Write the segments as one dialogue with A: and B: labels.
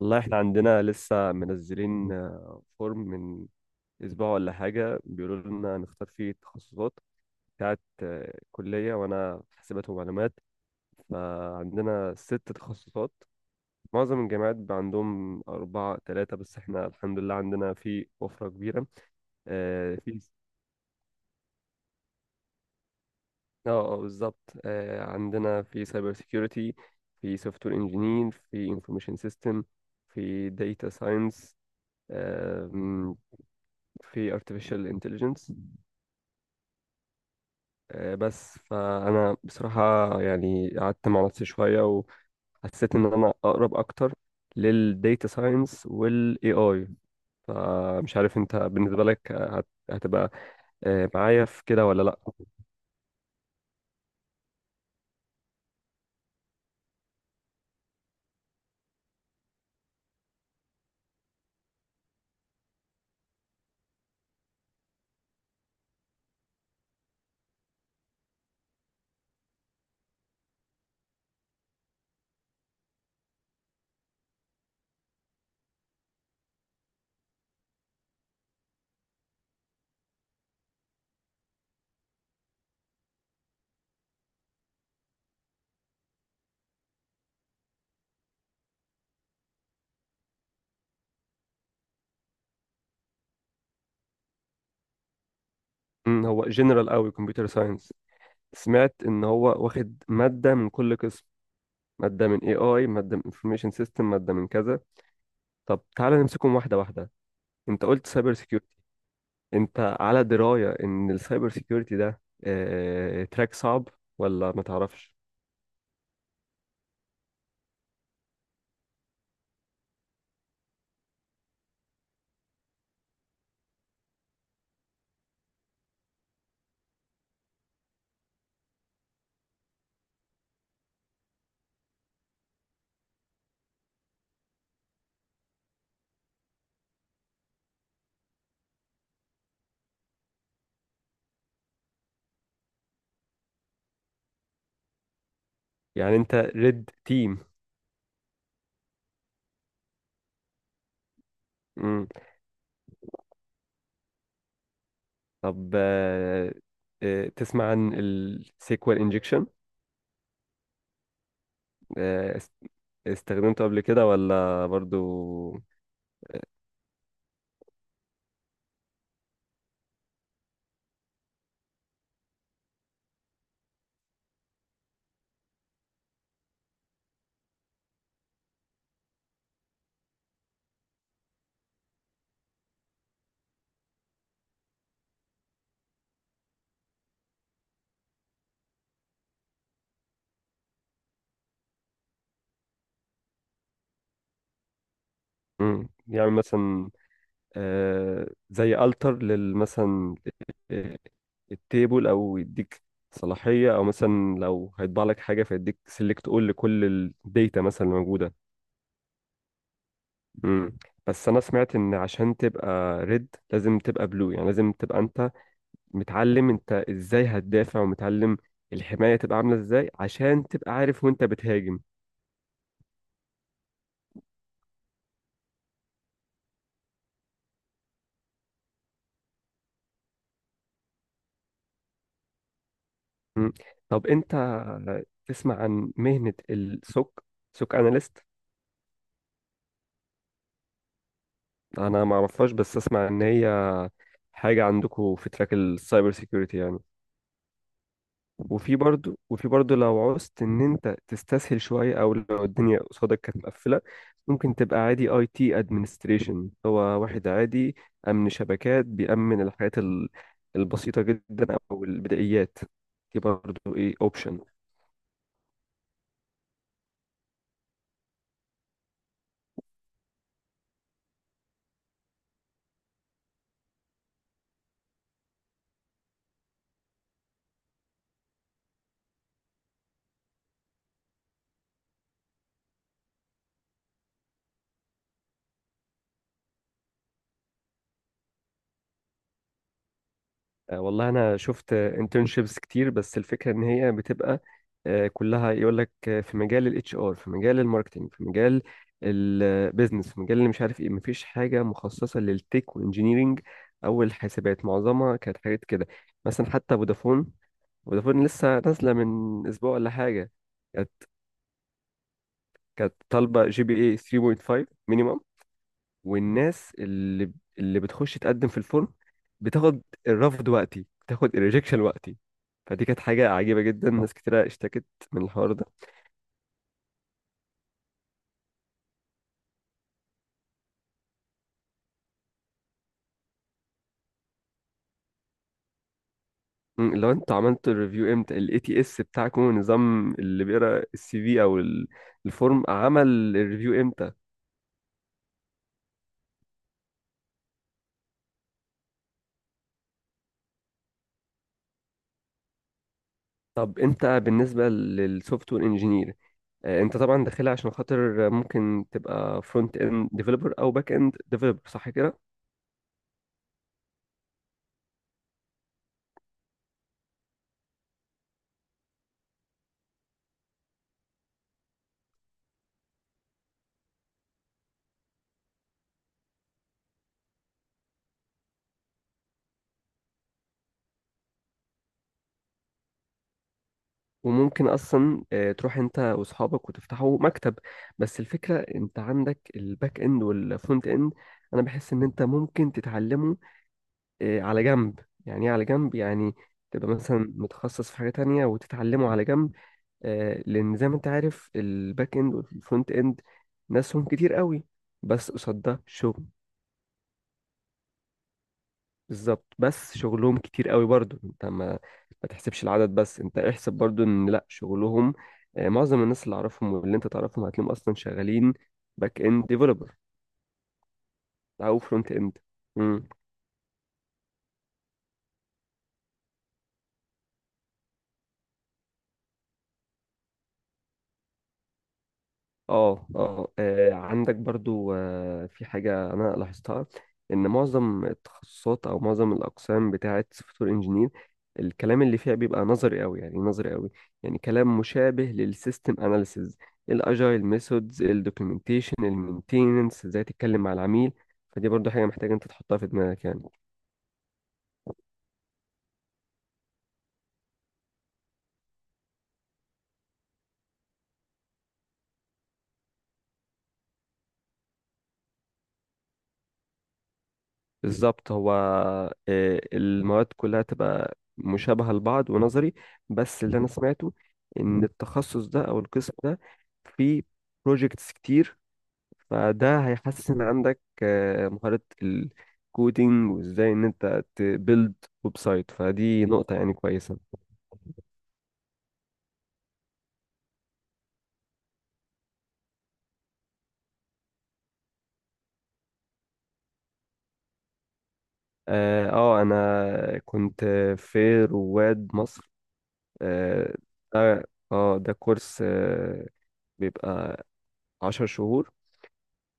A: والله احنا عندنا لسه منزلين فورم من اسبوع ولا حاجة، بيقولوا لنا نختار فيه التخصصات بتاعت كلية. وانا في حاسبات ومعلومات، فعندنا ست تخصصات. معظم الجامعات بقى عندهم أربعة تلاتة، بس احنا الحمد لله عندنا في وفرة كبيرة. آه، في. اه، آه، بالظبط. عندنا في سايبر سيكيورتي، في سوفت وير انجينير، في انفورميشن سيستم، في داتا ساينس، في artificial intelligence. بس فانا بصراحه يعني قعدت مع نفسي شويه، وحسيت ان انا اقرب اكتر للديتا ساينس والاي اي. فمش عارف انت بالنسبه لك هتبقى معايا في كده ولا لا؟ هو جنرال قوي كمبيوتر ساينس. سمعت ان هو واخد ماده من كل قسم، ماده من اي اي، ماده من انفورميشن سيستم، ماده من كذا. طب تعالى نمسكهم واحده واحده. انت قلت سايبر، انت على دراية ان السايبر سيكيورتي ده تراك صعب ولا ما تعرفش؟ يعني انت ريد تيم؟ مم. طب، تسمع عن السيكوال انجكشن؟ استخدمته قبل كده ولا برضو؟ مم. يعني مثلا زي التر للمثلا التيبل، او يديك صلاحية، او مثلا لو هيطبع لك حاجة فيديك سيلكت اول لكل الداتا مثلا الموجودة. امم بس انا سمعت ان عشان تبقى ريد لازم تبقى بلو، يعني لازم تبقى انت متعلم انت ازاي هتدافع، ومتعلم الحماية تبقى عاملة ازاي، عشان تبقى عارف وانت بتهاجم. مم. طب انت تسمع عن مهنة السوك، سوك اناليست؟ انا ما اعرفهاش بس اسمع ان هي حاجة عندكم في تراك السايبر سيكيورتي يعني. وفي برضو لو عوزت ان انت تستسهل شويه، او لو الدنيا قصادك كانت مقفله، ممكن تبقى عادي اي تي ادمنستريشن. هو واحد عادي، امن شبكات، بيأمن الحاجات البسيطه جدا او البدائيات. دي برضو ايه اوبشن. والله انا شفت انترنشيبس كتير، بس الفكره ان هي بتبقى كلها يقول لك في مجال الاتش ار، في مجال الماركتنج، في مجال البيزنس، في مجال اللي مش عارف ايه. مفيش حاجه مخصصه للتك وانجينيرينج او الحاسبات، معظمها كانت حاجات كده. مثلا حتى فودافون، فودافون لسه نازله من اسبوع ولا حاجه. كانت كانت طالبه GPA 3.5 مينيمم، والناس اللي بتخش تقدم في الفورم بتاخد الرفض وقتي، بتاخد الريجكشن وقتي. فدي كانت حاجة عجيبة جدا، ناس كتيرة اشتكت من الحوار ده. مم، لو انتوا عملتوا الريفيو امتى؟ الاي تي اس بتاعكم، النظام اللي بيقرا السي في او الفورم، عمل الريفيو امتى؟ طب انت بالنسبة للسوفت وير انجينير، انت طبعا داخلها عشان خاطر ممكن تبقى فرونت اند ديفلوبر او باك اند ديفلوبر، صح كده؟ وممكن اصلا تروح انت واصحابك وتفتحوا مكتب. بس الفكره انت عندك الباك اند والفرونت اند، انا بحس ان انت ممكن تتعلمه على جنب. يعني ايه على جنب؟ يعني تبقى مثلا متخصص في حاجه تانية، وتتعلمه على جنب. لان زي ما انت عارف الباك اند والفرونت اند ناسهم كتير قوي، بس قصاد ده شغل. بالظبط. بس شغلهم كتير قوي برضو، انت ما تحسبش العدد، بس انت احسب برضو ان لا شغلهم معظم الناس اللي اعرفهم واللي انت تعرفهم هتلاقيهم اصلا شغالين باك اند ديفلوبر، او فرونت اند. اه، اه، عندك برضو في حاجة أنا لاحظتها، إن معظم التخصصات أو معظم الأقسام بتاعة سوفت وير إنجينير الكلام اللي فيها بيبقى نظري أوي. يعني إيه نظري أوي؟ يعني كلام مشابه للسيستم أناليسيز، الأجايل ميثودز، الدوكيومنتيشن، المينتيننس، إزاي تتكلم مع العميل. فدي برضو حاجة محتاجة أنت تحطها في دماغك يعني. بالظبط. هو المواد كلها تبقى مشابهة لبعض ونظري، بس اللي أنا سمعته إن التخصص ده أو القسم ده فيه بروجيكتس كتير، فده هيحسن عندك مهارة الكودينج وإزاي إن أنت تبيلد ويب سايت، فدي نقطة يعني كويسة. اه، أنا كنت في رواد مصر. اه، ده ده كورس بيبقى 10 شهور،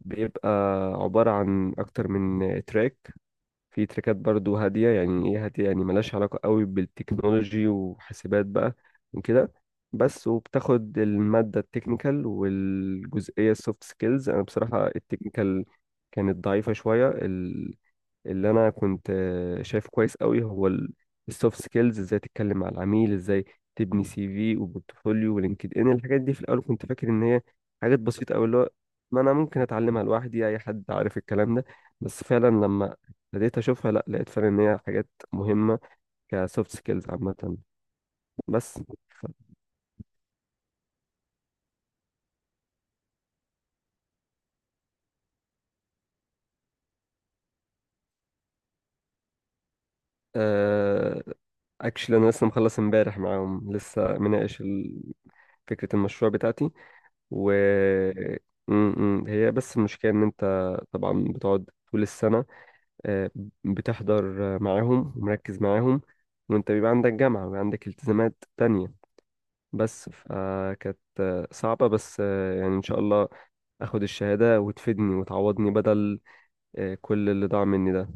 A: بيبقى عبارة عن أكتر من تراك. في تراكات برضو هادية، يعني إيه هادية؟ يعني ملهاش علاقة قوي بالتكنولوجي وحاسبات بقى وكده. بس وبتاخد المادة التكنيكال والجزئية السوفت سكيلز، أنا بصراحة التكنيكال كانت ضعيفة شوية. اللي انا كنت شايفه كويس قوي هو السوفت سكيلز، ازاي تتكلم مع العميل، ازاي تبني سي في وبورتفوليو ولينكد ان. الحاجات دي في الاول كنت فاكر ان هي حاجات بسيطه قوي، اللي هو ما انا ممكن اتعلمها لوحدي، اي حد عارف الكلام ده، بس فعلا لما بديت اشوفها لا، لقيت فعلا ان هي حاجات مهمه كسوفت سكيلز عامه. بس. ف- آه، اكشلي انا لسه مخلص امبارح معاهم، لسه مناقش فكرة المشروع بتاعتي. و م- م. هي بس المشكلة إن أنت طبعا بتقعد طول السنة، آه، بتحضر معاهم ومركز معاهم، وأنت بيبقى عندك جامعة وبيبقى عندك التزامات تانية. بس فكانت صعبة، بس يعني إن شاء الله أخد الشهادة وتفيدني وتعوضني بدل كل اللي ضاع مني ده.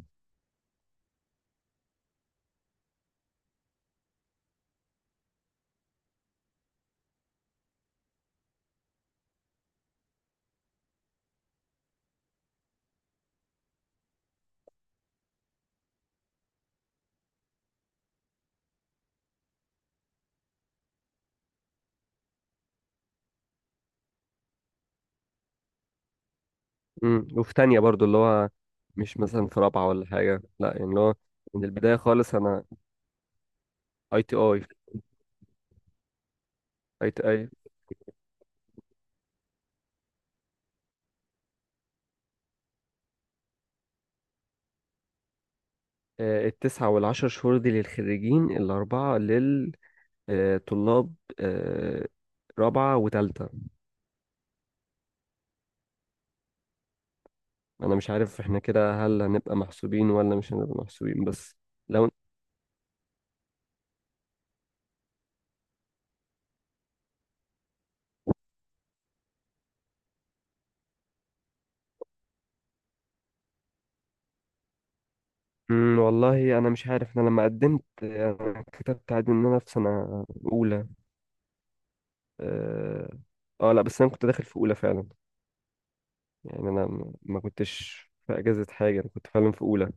A: وفي تانية برضو، اللي هو مش مثلا في رابعة ولا حاجة لا، يعني اللي هو من البداية خالص. أنا أي تي أي أي تي أي. التسعة والعشر شهور دي للخريجين، الأربعة للطلاب رابعة وتالتة. أنا مش عارف إحنا كده هل هنبقى محسوبين ولا مش هنبقى محسوبين، بس لو. مم، والله أنا مش عارف. أنا لما قدمت أنا كتبت عادي إن أنا في سنة أولى. آه. لأ بس أنا كنت داخل في أولى فعلا، يعني أنا ما كنتش في أجازة حاجة، أنا كنت فعلا في أولى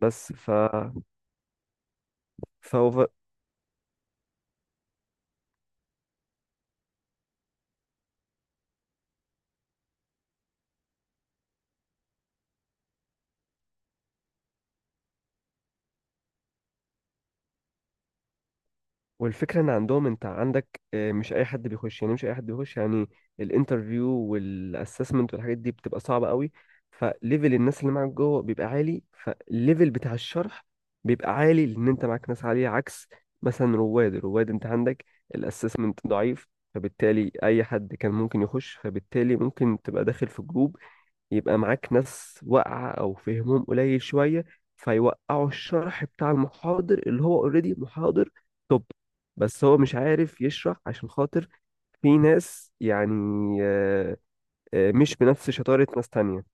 A: بس. ف ف والفكرة ان عندهم انت عندك مش اي حد بيخش يعني، مش اي حد بيخش يعني. الانترفيو والاسسمنت والحاجات دي بتبقى صعبة قوي، فليفل الناس اللي معاك جوه بيبقى عالي، فالليفل بتاع الشرح بيبقى عالي لان انت معاك ناس عالية. عكس مثلا رواد، انت عندك الاسسمنت ضعيف، فبالتالي اي حد كان ممكن يخش، فبالتالي ممكن تبقى داخل في جروب يبقى معاك ناس واقعة أو فهمهم قليل شوية، فيوقعوا الشرح بتاع المحاضر اللي هو اوريدي محاضر توب، بس هو مش عارف يشرح عشان خاطر في ناس يعني آه، مش بنفس شطارة ناس تانية.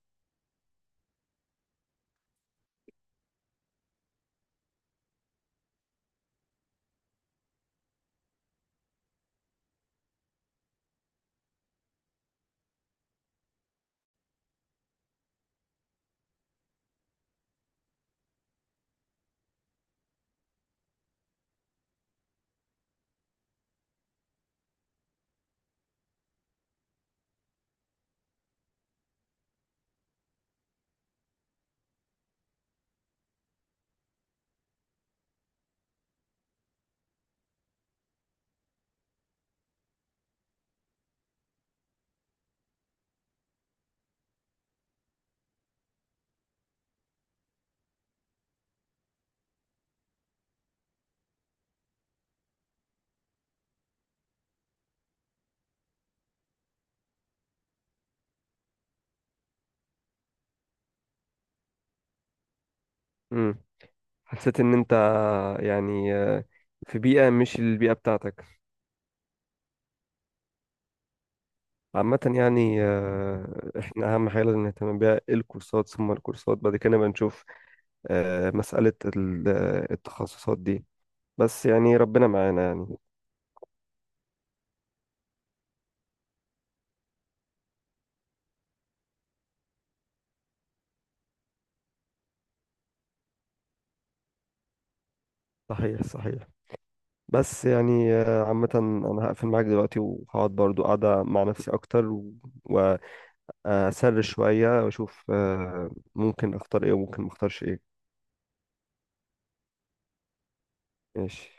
A: مم. حسيت إن أنت يعني في بيئة مش البيئة بتاعتك. عامة يعني احنا أهم حاجة لازم نهتم بيها الكورسات، ثم الكورسات. بعد كده نبقى نشوف مسألة التخصصات دي، بس يعني ربنا معانا يعني. صحيح، صحيح. بس يعني عامة أنا هقفل معاك دلوقتي وهقعد برضو قاعدة مع نفسي أكتر، وأسر شوية وأشوف ممكن أختار إيه وممكن مختارش إيه. ماشي.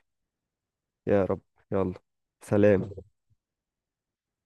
A: يا رب. يلا. سلام.